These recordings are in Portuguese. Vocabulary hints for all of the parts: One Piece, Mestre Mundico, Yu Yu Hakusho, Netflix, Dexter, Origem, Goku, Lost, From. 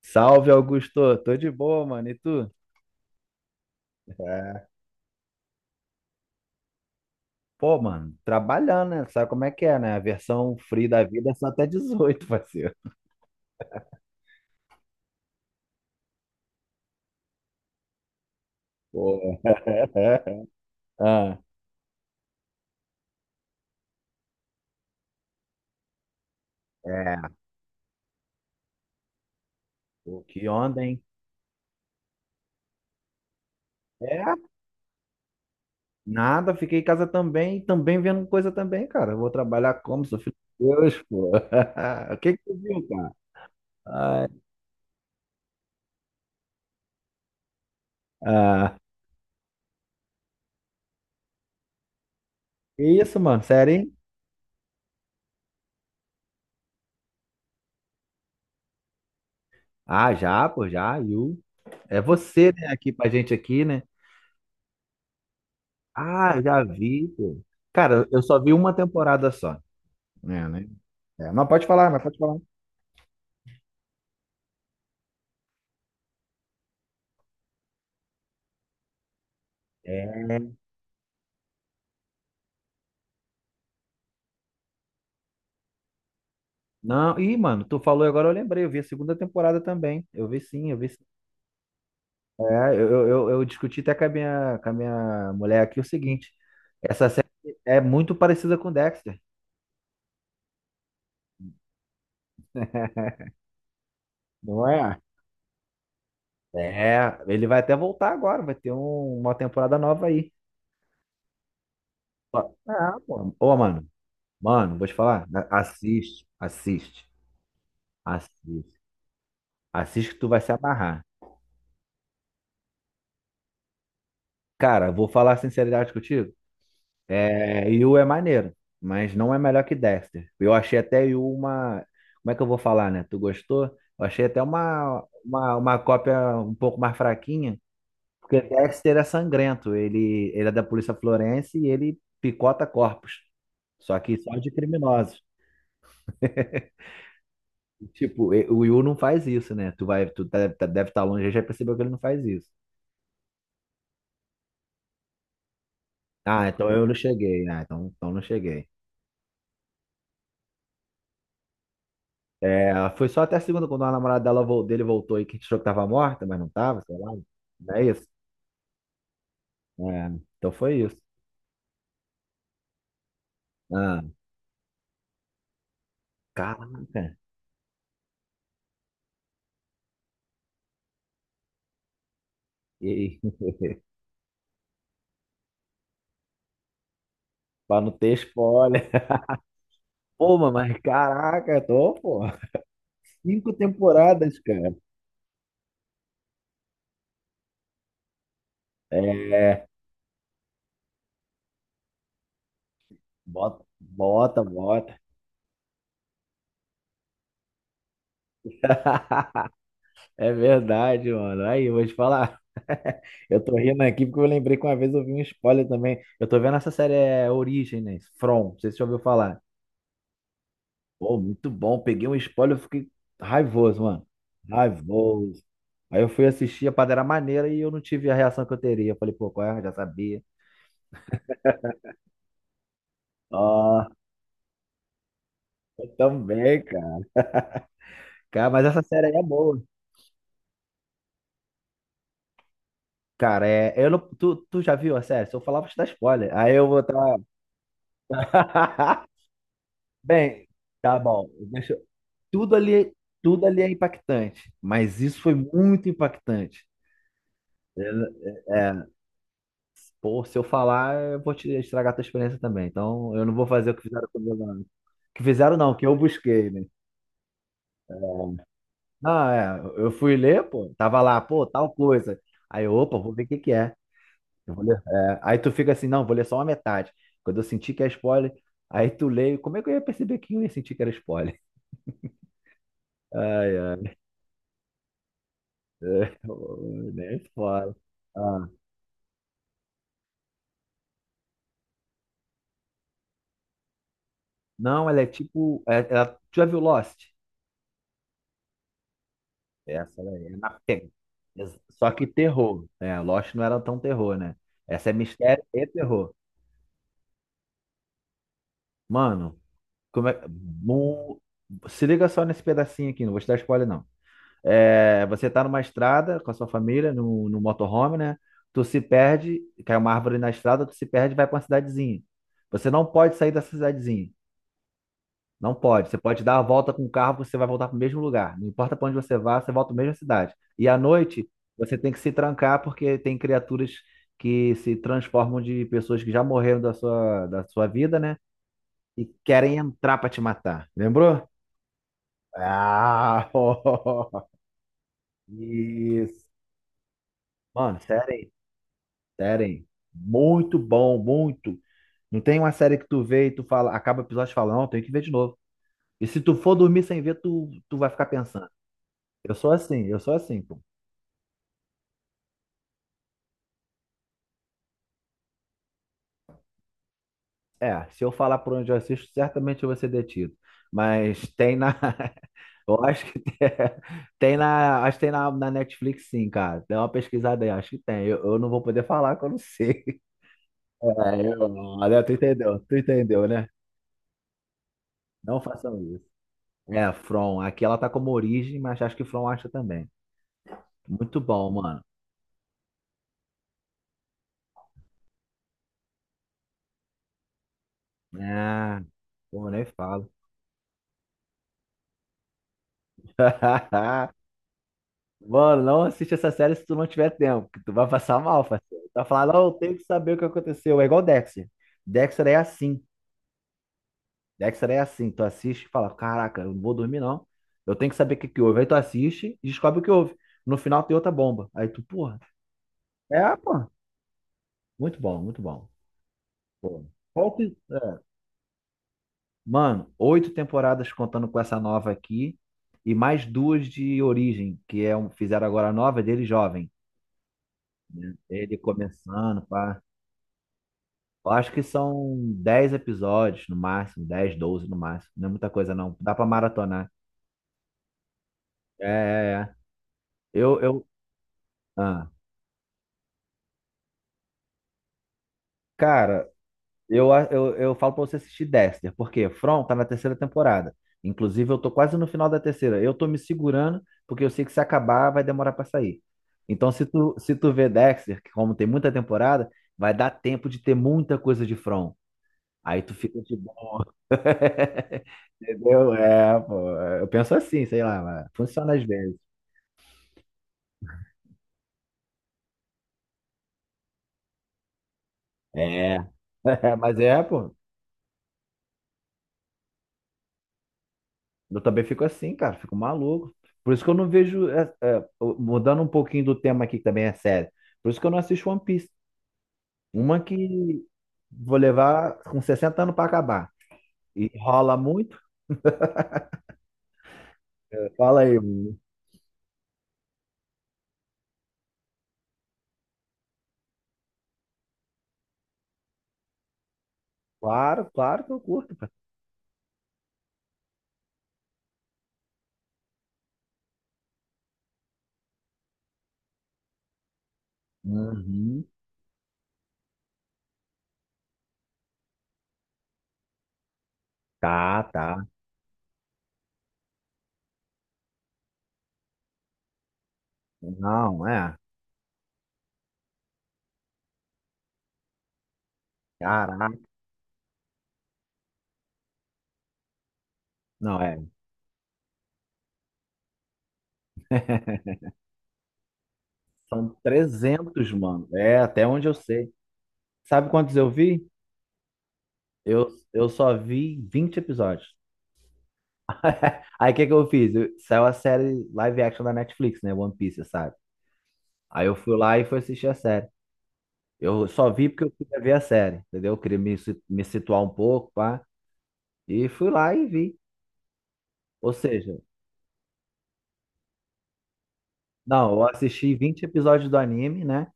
Salve, Augusto. Tô de boa, mano. E tu? É, pô, mano, trabalhando, né? Sabe como é que é, né? A versão free da vida é só até 18, parceiro. Pô. Ah, é, pô, que onda, hein? É, nada. Fiquei em casa também, também vendo coisa também, cara. Eu vou trabalhar como? Sou filho de Deus, pô. O que que tu viu, cara? Ai, ah, que isso, mano? Sério, hein? Ah, já, pô, já. É você, né? Aqui pra gente aqui, né? Ah, já vi, pô. Cara, eu só vi uma temporada só. É, né? É, mas pode falar, mas pode falar. É. Não, ih, mano, tu falou e agora eu lembrei, eu vi a segunda temporada também. Eu vi sim, eu vi sim. É, eu discuti até com a minha mulher aqui o seguinte: essa série é muito parecida com Dexter. Não é? É, ele vai até voltar agora, vai ter uma temporada nova aí. Ó, ah, pô. Ô, mano, vou te falar, assiste, assiste, assiste. Assiste que tu vai se amarrar. Cara, vou falar a sinceridade contigo. É, Yu é maneiro, mas não é melhor que Dexter. Eu achei até Yu uma. Como é que eu vou falar, né? Tu gostou? Eu achei até uma cópia um pouco mais fraquinha, porque Dexter é sangrento. Ele é da polícia florense e ele picota corpos. Só que só de criminosos. Tipo, o Yu não faz isso, né? Tu vai, deve estar longe, já percebeu que ele não faz isso. Ah, então eu não cheguei. Ah, então não cheguei. É, foi só até a segunda, quando a namorada dele voltou e que a gente achou que tava morta, mas não tava, sei lá. Não é isso? É, então foi isso. Ah, caraca. E aí? Pra não ter spoiler. Pô, mano, mas caraca, tô, pô. Cinco temporadas, cara. É, bota, bota, bota. É verdade, mano. Aí, eu vou te falar. Eu tô rindo aqui porque eu lembrei que uma vez eu vi um spoiler também. Eu tô vendo essa série é Origem, né? From, não sei se você já ouviu falar. Pô, muito bom. Peguei um spoiler, eu fiquei raivoso, mano. Raivoso. Aí eu fui assistir a Padeira Maneira e eu não tive a reação que eu teria. Eu falei, pô, qual é? Eu já sabia. Ah, eu também, cara. Cara, mas essa série aí é boa. Cara, é, eu não, tu já viu a série? Se eu falar, vou te dar spoiler. Aí eu vou estar. Bem, tá bom. Tudo ali, tudo ali é impactante, mas isso foi muito impactante. É. É, é. Pô, se eu falar, eu vou te estragar a tua experiência também. Então, eu não vou fazer o que fizeram comigo. Não. Que fizeram não, que eu busquei, né? Não, é, eu fui ler, pô, tava lá, pô, tal coisa. Aí, eu, opa, vou ver o que que é. Eu vou ler. É. Aí tu fica assim, não, vou ler só uma metade. Quando eu senti que é spoiler, aí tu leio. Como é que eu ia perceber que eu ia sentir que era spoiler? Ai, ai, é, nem fora. Ah, não, ela é tipo, tu já viu Lost? Essa daí é na pega. Só que terror. É, Lost não era tão terror, né? Essa é mistério e terror. Mano, como é. Se liga só nesse pedacinho aqui, não vou te dar spoiler, não. É, você tá numa estrada com a sua família, no motorhome, né? Tu se perde, cai uma árvore na estrada, tu se perde e vai pra uma cidadezinha. Você não pode sair dessa cidadezinha. Não pode. Você pode dar a volta com o carro, você vai voltar para o mesmo lugar. Não importa para onde você vá, você volta para a mesma cidade. E à noite, você tem que se trancar porque tem criaturas que se transformam de pessoas que já morreram da sua vida, né? E querem entrar para te matar. Lembrou? Ah! Isso. Mano, sério, hein? Sério. Hein? Muito bom, muito. Não tem uma série que tu vê e tu fala, acaba o episódio e fala, não, tem que ver de novo. E se tu for dormir sem ver, tu vai ficar pensando. Eu sou assim, pô. É, se eu falar por onde eu assisto, certamente eu vou ser detido. Mas tem na. Eu acho que tem na. Acho que tem na Netflix, sim, cara. Dá uma pesquisada aí, acho que tem. Eu não vou poder falar que eu não sei. É, eu, olha, tu entendeu, né? Não façam isso. É, From. Aqui ela tá como origem, mas acho que From acha também. Muito bom, mano. É, pô, nem falo. Mano, não assiste essa série se tu não tiver tempo, que tu vai passar mal, parceiro. Tu vai falar, não, eu tenho que saber o que aconteceu. É igual Dexter. Dexter é assim. Dexter é assim. Tu assiste e fala, caraca, eu não vou dormir, não. Eu tenho que saber o que que houve. Aí tu assiste e descobre o que houve. No final tem outra bomba. Aí tu, porra. É, pô. Muito bom, muito bom. Pô. Qual que- é. Mano, oito temporadas contando com essa nova aqui. E mais duas de origem, que é um, fizeram agora a nova é dele jovem. Ele começando, pá. Eu acho que são 10 episódios no máximo, 10, 12 no máximo. Não é muita coisa, não. Dá pra maratonar. É, é, é. Eu, ah. Cara, eu falo pra você assistir Dexter, porque From tá na terceira temporada. Inclusive, eu tô quase no final da terceira. Eu tô me segurando, porque eu sei que se acabar, vai demorar pra sair. Então, se tu vê Dexter, que como tem muita temporada, vai dar tempo de ter muita coisa de From. Aí tu fica de bom. Entendeu? É, pô. Eu penso assim, sei lá, mas funciona às vezes. É. Mas é, pô. Eu também fico assim, cara. Fico maluco. Por isso que eu não vejo. É, é, mudando um pouquinho do tema aqui, que também é sério. Por isso que eu não assisto One Piece. Uma que vou levar com 60 anos pra acabar. E rola muito. Fala aí, mano. Claro, claro que eu curto, cara. Uhum. Tá, tá. Não, é. Caraca. Não, é. São 300, mano. É, até onde eu sei. Sabe quantos eu vi? Eu só vi 20 episódios. Aí o que que eu fiz? Saiu a série live action da Netflix, né? One Piece, sabe? Aí eu fui lá e fui assistir a série. Eu só vi porque eu queria ver a série, entendeu? Eu queria me situar um pouco, pá. E fui lá e vi. Ou seja, não, eu assisti 20 episódios do anime, né?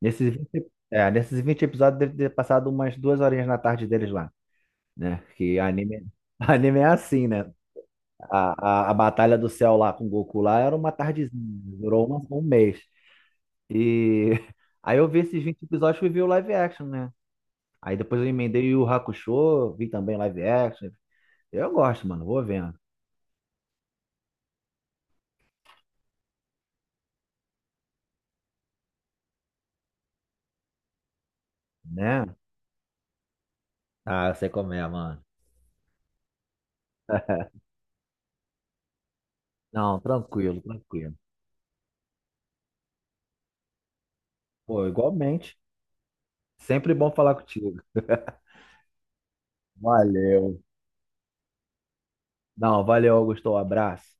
Nesses vinte episódios deve ter passado umas duas horinhas na tarde deles lá, né? Que anime, anime é assim, né? A batalha do céu lá com o Goku lá era uma tardezinha, durou um mês. E aí eu vi esses 20 episódios e vi o live action, né? Aí depois eu emendei o Yu Yu Hakusho, vi também live action. Eu gosto, mano, vou vendo, né? Ah, eu sei como é, mano. Não, tranquilo, tranquilo. Pô, igualmente. Sempre bom falar contigo. Valeu. Não, valeu, Augusto. Um abraço.